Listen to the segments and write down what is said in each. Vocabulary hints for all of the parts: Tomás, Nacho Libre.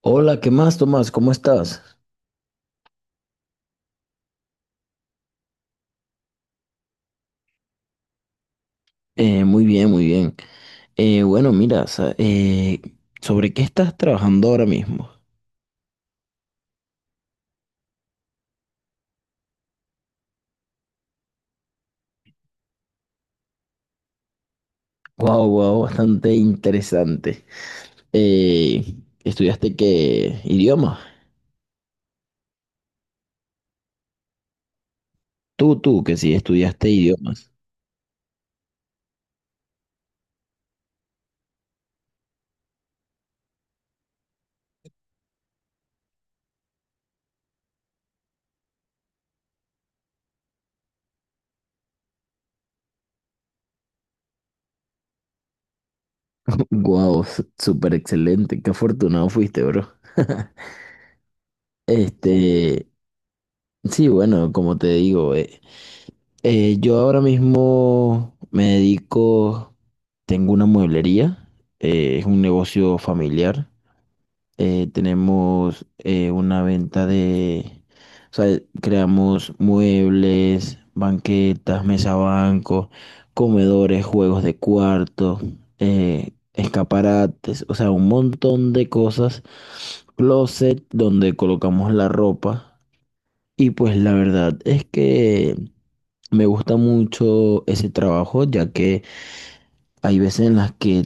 Hola, ¿qué más, Tomás? ¿Cómo estás? Muy bien, muy bien. Bueno, mira, ¿sobre qué estás trabajando ahora mismo? Wow, wow, bastante interesante. Eh, ¿Estudiaste qué idiomas? Tú, que sí, estudiaste idiomas. Wow, súper excelente. Qué afortunado fuiste, bro. Este, sí, bueno, como te digo, yo ahora mismo me dedico, tengo una mueblería, es un negocio familiar. Tenemos una venta de, o sea, creamos muebles, banquetas, mesa banco, comedores, juegos de cuarto, escaparates, o sea, un montón de cosas. Closet donde colocamos la ropa. Y pues la verdad es que me gusta mucho ese trabajo, ya que hay veces en las que,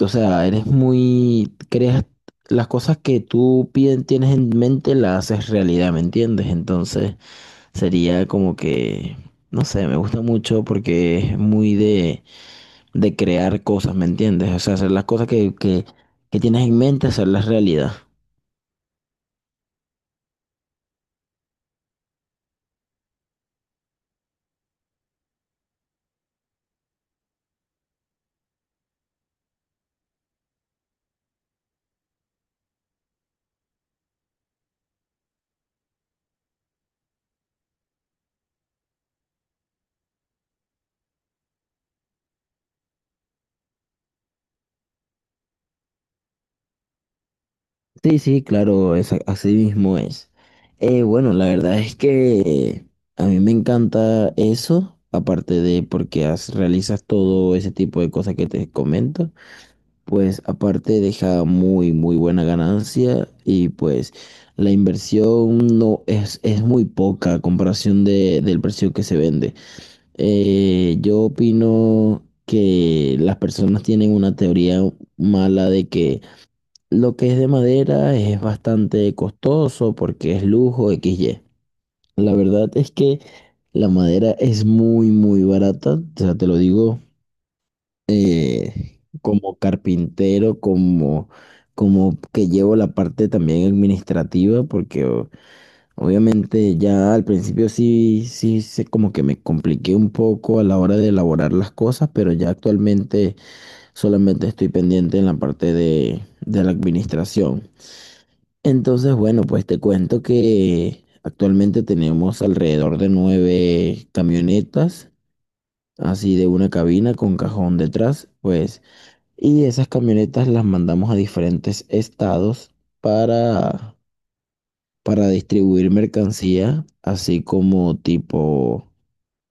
o sea, creas las cosas que tú tienes en mente, las haces realidad, ¿me entiendes? Entonces sería como que, no sé, me gusta mucho porque es muy de, crear cosas, ¿me entiendes? O sea, hacer las cosas que tienes en mente, hacerlas realidad. Sí, sí, claro, es, así mismo es. Bueno, la verdad es que a mí me encanta eso, aparte de porque realizas todo ese tipo de cosas que te comento, pues aparte deja muy, muy buena ganancia y pues la inversión no es muy poca a comparación del precio que se vende. Yo opino que las personas tienen una teoría mala de que lo que es de madera es bastante costoso porque es lujo x y la verdad es que la madera es muy, muy barata. O sea, te lo digo como carpintero, como, como que llevo la parte también administrativa, porque obviamente ya al principio sí, sí, se como que me compliqué un poco a la hora de elaborar las cosas, pero ya actualmente solamente estoy pendiente en la parte de la administración. Entonces, bueno, pues te cuento que actualmente tenemos alrededor de nueve camionetas, así de una cabina con cajón detrás, pues, y esas camionetas las mandamos a diferentes estados para, para distribuir mercancía, así como tipo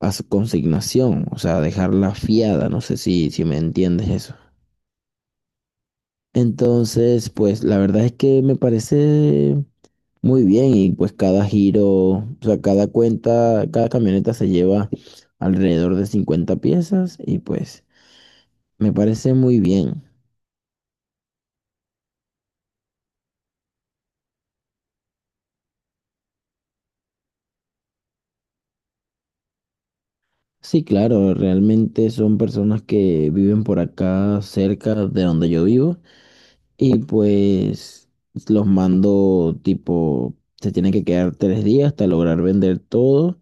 a su consignación, o sea, dejarla fiada, no sé si me entiendes eso. Entonces, pues la verdad es que me parece muy bien y pues cada giro, o sea, cada cuenta, cada camioneta se lleva alrededor de 50 piezas y pues me parece muy bien. Sí, claro, realmente son personas que viven por acá cerca de donde yo vivo y pues los mando tipo, se tienen que quedar 3 días hasta lograr vender todo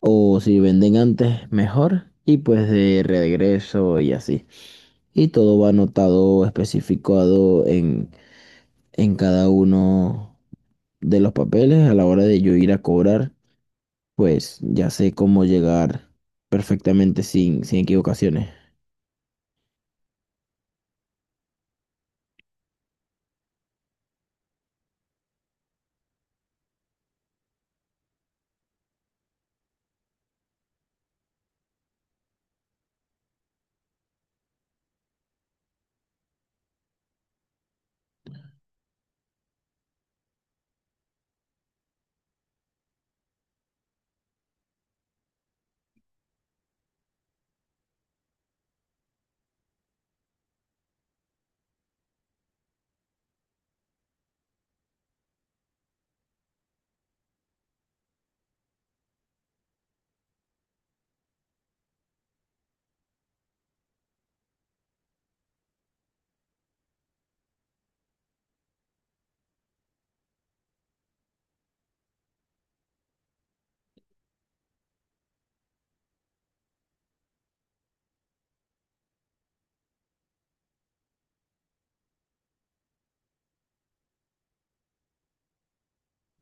o si venden antes, mejor, y pues de regreso y así. Y todo va anotado, especificado en cada uno de los papeles a la hora de yo ir a cobrar, pues ya sé cómo llegar perfectamente sin equivocaciones.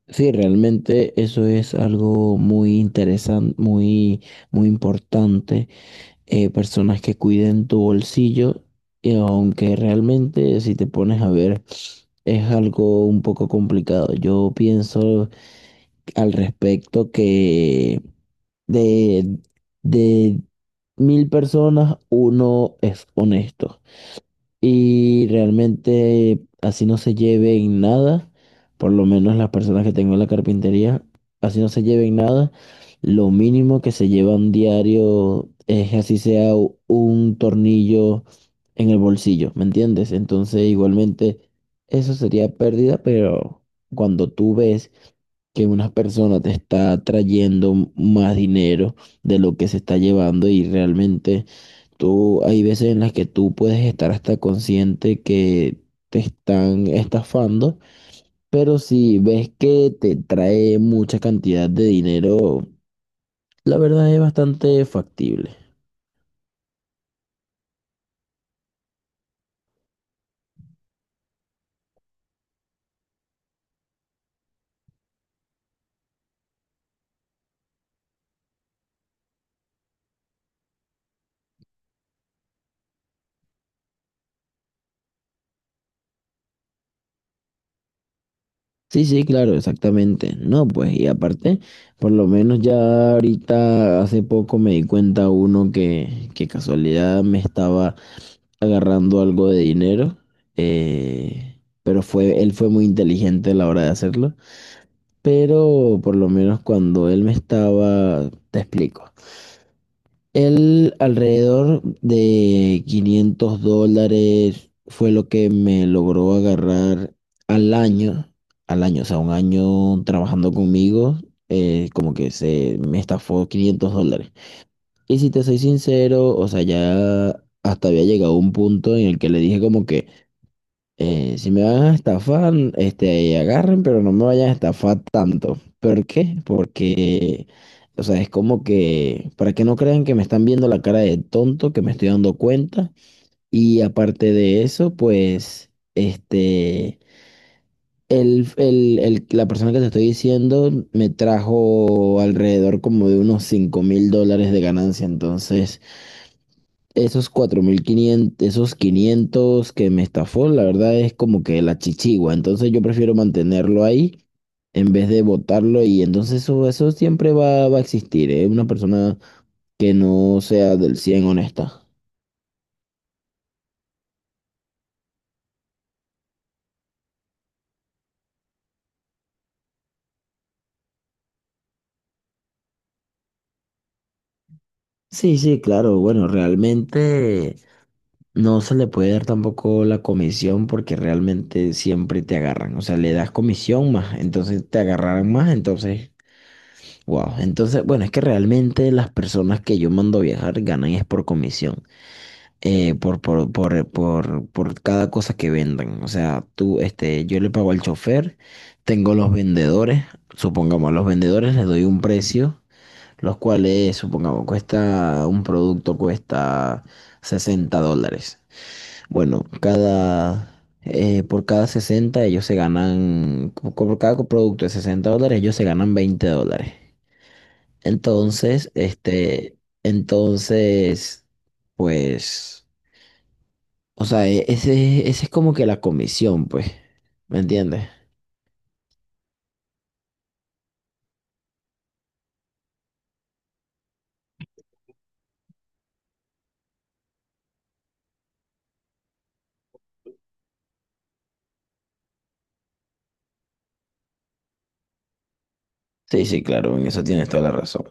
Sí, realmente eso es algo muy interesante, muy, muy importante, personas que cuiden tu bolsillo, y aunque realmente si te pones a ver es algo un poco complicado. Yo pienso al respecto que de, de 1.000 personas uno es honesto. Y realmente así no se lleven nada, por lo menos las personas que tengo en la carpintería, así no se lleven nada. Lo mínimo que se llevan diario es así sea un tornillo en el bolsillo, ¿me entiendes? Entonces igualmente eso sería pérdida, pero cuando tú ves que una persona te está trayendo más dinero de lo que se está llevando y realmente. Tú, hay veces en las que tú puedes estar hasta consciente que te están estafando, pero si ves que te trae mucha cantidad de dinero, la verdad es bastante factible. Sí, sí, claro, exactamente. No, pues, y aparte, por lo menos ya ahorita hace poco me di cuenta uno que casualidad me estaba agarrando algo de dinero, él fue muy inteligente a la hora de hacerlo. Pero por lo menos cuando él me estaba, te explico. Él alrededor de $500 fue lo que me logró agarrar al año, al año, o sea, un año trabajando conmigo, como que se me estafó $500. Y si te soy sincero, o sea, ya hasta había llegado un punto en el que le dije como que si me van a estafar, este, agarren, pero no me vayan a estafar tanto. ¿Por qué? Porque, o sea, es como que, para que no crean que me están viendo la cara de tonto, que me estoy dando cuenta. Y aparte de eso, pues, este, la persona que te estoy diciendo me trajo alrededor como de unos 5.000 dólares de ganancia. Entonces, esos 4.500, esos 500 que me estafó, la verdad es como que la chichigua. Entonces yo prefiero mantenerlo ahí en vez de botarlo, y entonces eso siempre va a existir, ¿eh? Una persona que no sea del 100 honesta. Sí, sí, claro. Bueno, realmente no se le puede dar tampoco la comisión porque realmente siempre te agarran. O sea, le das comisión más, entonces te agarrarán más, entonces. Wow, entonces, bueno, es que realmente las personas que yo mando a viajar ganan es por comisión, por cada cosa que vendan. O sea, tú, este, yo le pago al chofer, tengo los vendedores, supongamos, a los vendedores les doy un precio, los cuales, supongamos, cuesta, un producto cuesta 60 dólares. Bueno, por cada 60 ellos se ganan, por cada producto de 60 dólares ellos se ganan 20 dólares. Entonces, este, entonces, pues, o sea, ese es como que la comisión, pues, ¿me entiendes? Sí, sí, claro, en eso tienes toda la razón.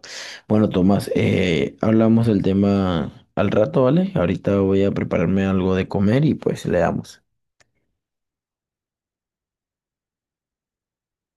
Bueno, Tomás, hablamos del tema al rato, ¿vale? Ahorita voy a prepararme algo de comer y pues le damos.